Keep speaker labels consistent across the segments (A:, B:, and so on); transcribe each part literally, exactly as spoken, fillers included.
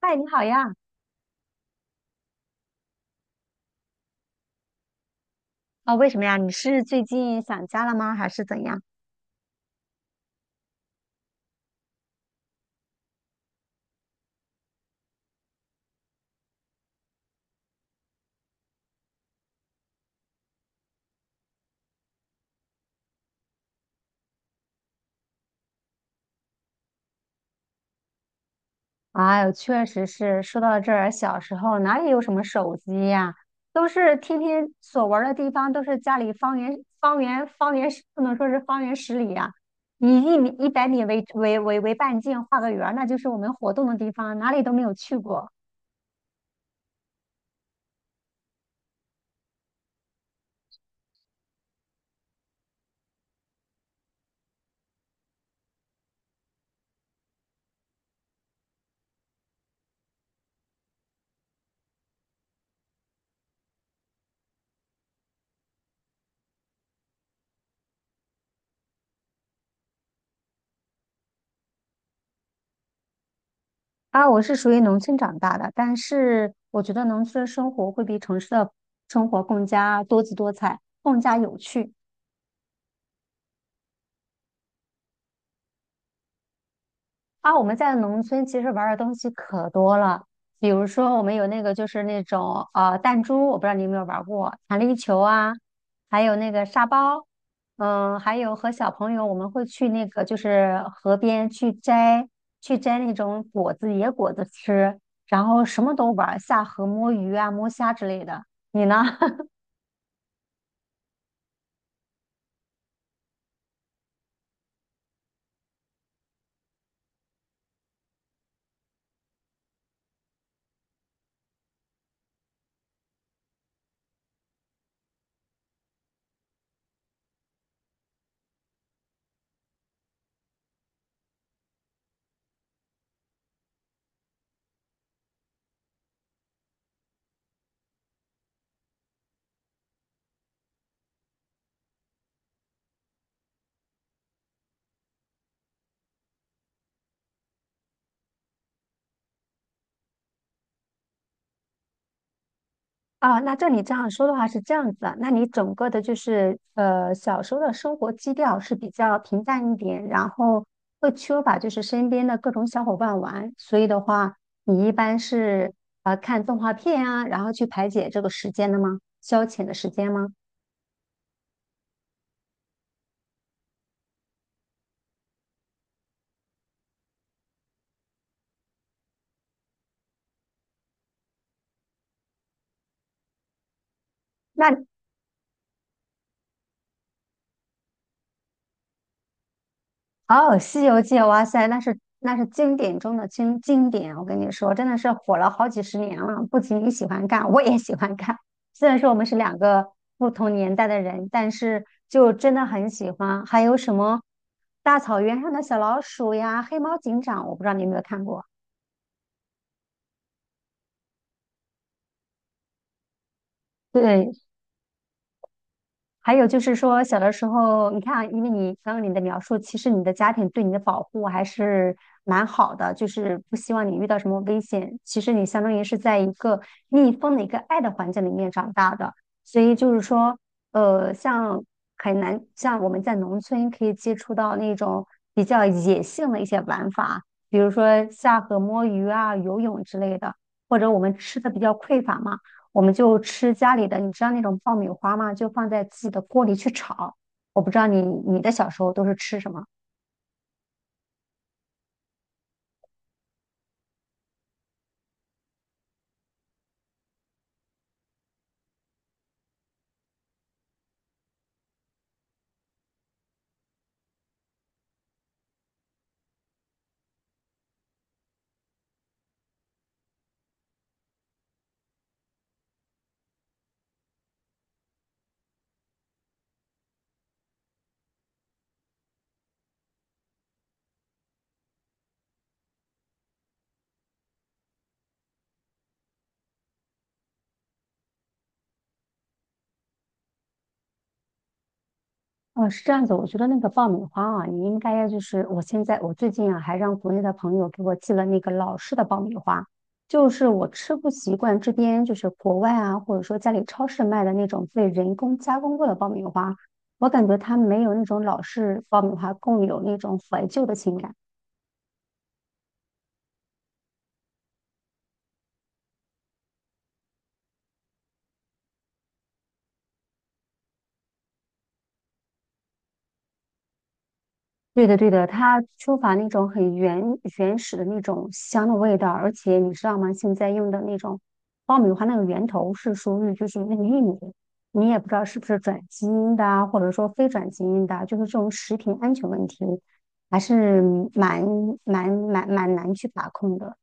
A: 嗨，你好呀！啊、为什么呀？你是最近想家了吗？还是怎样？哎呦，确实是。说到这儿，小时候哪里有什么手机呀？都是天天所玩儿的地方，都是家里方圆方圆方圆十，不能说是方圆十里呀、以一米一百米为为为为半径画个圆儿那就是我们活动的地方，哪里都没有去过。啊，我是属于农村长大的，但是我觉得农村的生活会比城市的生活更加多姿多彩，更加有趣。啊，我们在农村其实玩的东西可多了，比如说我们有那个就是那种呃弹珠，我不知道你有没有玩过弹力球啊，还有那个沙包，嗯，还有和小朋友我们会去那个就是河边去摘去摘那种果子野果子吃，然后什么都玩儿下河摸鱼啊摸虾之类的。你呢？啊，那照你这样说的话是这样子啊，那你整个的就是呃小时候的生活基调是比较平淡一点，然后会缺乏就是身边的各种小伙伴玩，所以的话，你一般是呃看动画片啊，然后去排解这个时间的吗？消遣的时间吗？那。哦，《西游记》哇塞，那是那是经典中的经经典，我跟你说，真的是火了好几十年了。不仅你喜欢看，我也喜欢看。虽然说我们是两个不同年代的人，但是就真的很喜欢。还有什么大草原上的小老鼠呀，黑猫警长，我不知道你有没有看过。对，还有就是说，小的时候，你看啊，因为你刚刚你的描述，其实你的家庭对你的保护还是蛮好的，就是不希望你遇到什么危险。其实你相当于是在一个密封的一个爱的环境里面长大的，所以就是说，呃，像很难，像我们在农村可以接触到那种比较野性的一些玩法，比如说下河摸鱼啊、游泳之类的，或者我们吃的比较匮乏嘛。我们就吃家里的，你知道那种爆米花吗？就放在自己的锅里去炒。我不知道你你的小时候都是吃什么？哦，是这样子。我觉得那个爆米花啊，你应该要就是我现在我最近啊，还让国内的朋友给我寄了那个老式的爆米花，就是我吃不习惯这边就是国外啊，或者说家里超市卖的那种被人工加工过的爆米花，我感觉它没有那种老式爆米花更有那种怀旧的情感。对的，对的，它缺乏那种很原原始的那种香的味道，而且你知道吗？现在用的那种爆米花那个源头是属于就是那个玉米，你也不知道是不是转基因的啊，或者说非转基因的啊，就是这种食品安全问题还是蛮蛮蛮蛮难去把控的。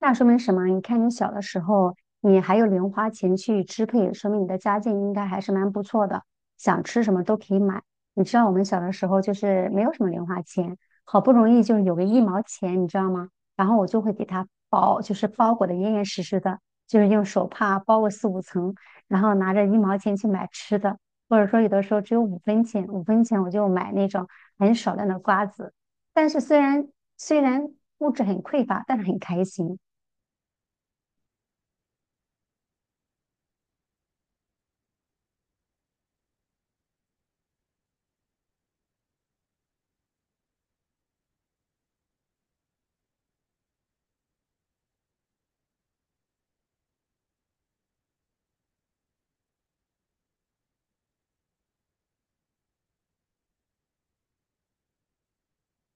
A: 那说明什么啊？你看你小的时候，你还有零花钱去支配，说明你的家境应该还是蛮不错的，想吃什么都可以买。你知道我们小的时候就是没有什么零花钱，好不容易就是有个一毛钱，你知道吗？然后我就会给它包，就是包裹的严严实实的，就是用手帕包个四五层，然后拿着一毛钱去买吃的，或者说有的时候只有五分钱，五分钱我就买那种很少量的瓜子。但是虽然虽然物质很匮乏，但是很开心。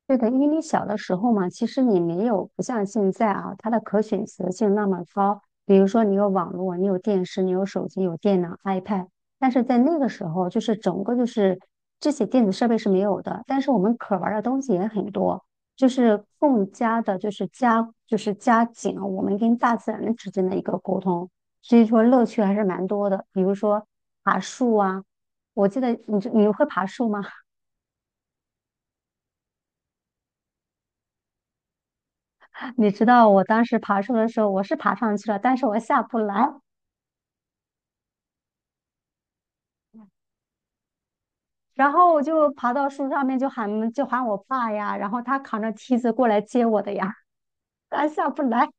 A: 对的，因为你小的时候嘛，其实你没有不像现在啊，它的可选择性那么高。比如说，你有网络，你有电视，你有手机，有电脑、iPad。但是在那个时候，就是整个就是这些电子设备是没有的，但是我们可玩的东西也很多，就是更加的，就是加，就是加紧了我们跟大自然之间的一个沟通。所以说，乐趣还是蛮多的。比如说爬树啊，我记得你你会爬树吗？你知道我当时爬树的时候，我是爬上去了，但是我下不来。然后我就爬到树上面，就喊就喊我爸呀，然后他扛着梯子过来接我的呀，他下不来。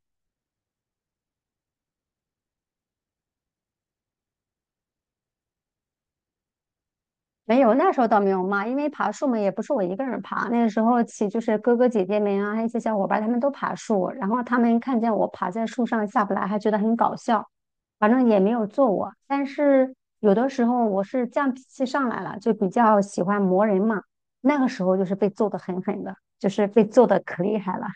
A: 没有，那时候倒没有骂，因为爬树嘛，也不是我一个人爬。那个时候起就是哥哥姐姐们啊，还有一些小伙伴，他们都爬树，然后他们看见我爬在树上下不来，还觉得很搞笑，反正也没有揍我。但是有的时候我是犟脾气上来了，就比较喜欢磨人嘛，那个时候就是被揍得狠狠的，就是被揍得可厉害了。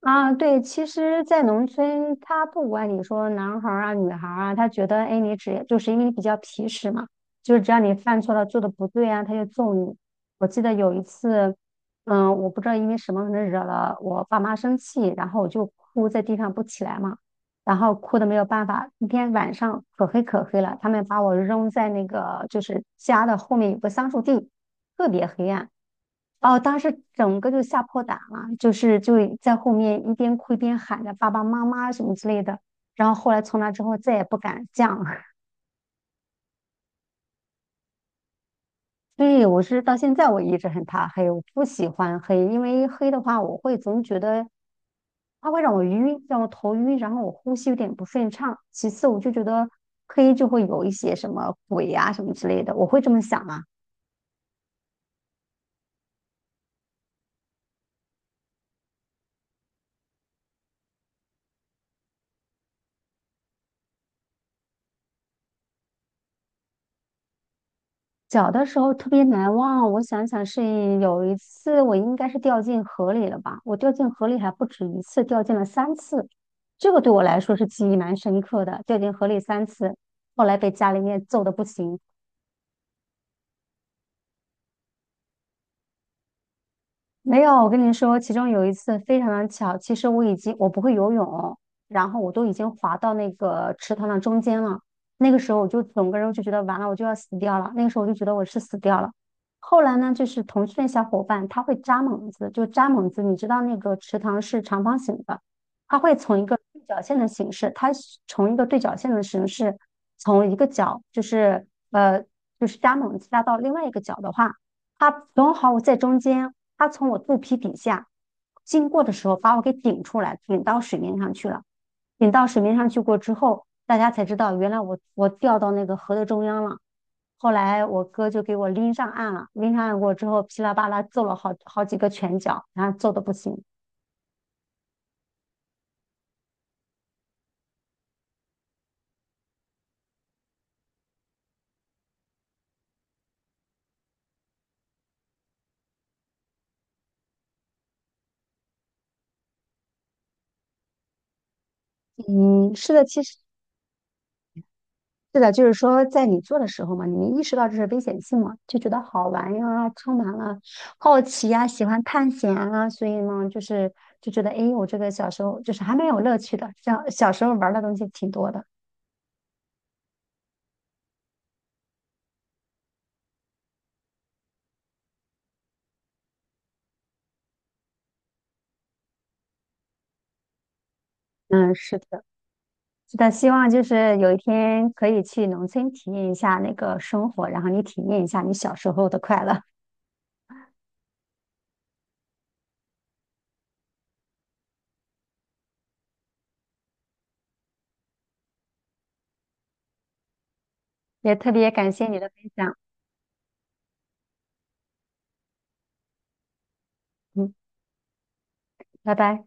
A: 啊，对，其实，在农村，他不管你说男孩儿啊、女孩儿啊，他觉得，哎，你只就是因为你比较皮实嘛，就是只要你犯错了、做的不对啊，他就揍你。我记得有一次，嗯，我不知道因为什么，惹了我爸妈生气，然后我就哭在地上不起来嘛。然后哭的没有办法。那天晚上可黑可黑了，他们把我扔在那个就是家的后面有个桑树地，特别黑暗。哦，当时整个就吓破胆了，就是就在后面一边哭一边喊着爸爸妈妈什么之类的。然后后来从那之后再也不敢这样了。所以我是到现在我一直很怕黑，我不喜欢黑，因为黑的话我会总觉得它会让我晕，让我头晕，然后我呼吸有点不顺畅。其次，我就觉得黑就会有一些什么鬼呀、什么之类的，我会这么想啊。小的时候特别难忘，我想想是有一次我应该是掉进河里了吧？我掉进河里还不止一次，掉进了三次，这个对我来说是记忆蛮深刻的，掉进河里三次，后来被家里面揍得不行。没有，我跟你说，其中有一次非常的巧，其实我已经我不会游泳，然后我都已经滑到那个池塘的中间了。那个时候我就整个人就觉得完了，我就要死掉了。那个时候我就觉得我是死掉了。后来呢，就是同去的小伙伴，他会扎猛子，就扎猛子，你知道那个池塘是长方形的，他会从一个对角线的形式，他从一个对角线的形式，从一个角就是呃就是扎猛子扎到另外一个角的话。他正好我在中间，他从我肚皮底下经过的时候，把我给顶出来，顶到水面上去了。顶到水面上去过之后，大家才知道原来我我掉到那个河的中央了。后来我哥就给我拎上岸了，拎上岸过之后，噼里啪啦揍了好好几个拳脚，然后揍的不行。嗯，是的，其实是的，就是说，在你做的时候嘛，你没意识到这是危险性嘛，就觉得好玩呀，充满了好奇呀，喜欢探险啊，所以呢，就是就觉得，诶，我这个小时候就是还蛮有乐趣的，像小时候玩的东西挺多的。嗯，是的，是的，希望就是有一天可以去农村体验一下那个生活，然后你体验一下你小时候的快乐。也特别感谢你的分享，嗯，拜拜。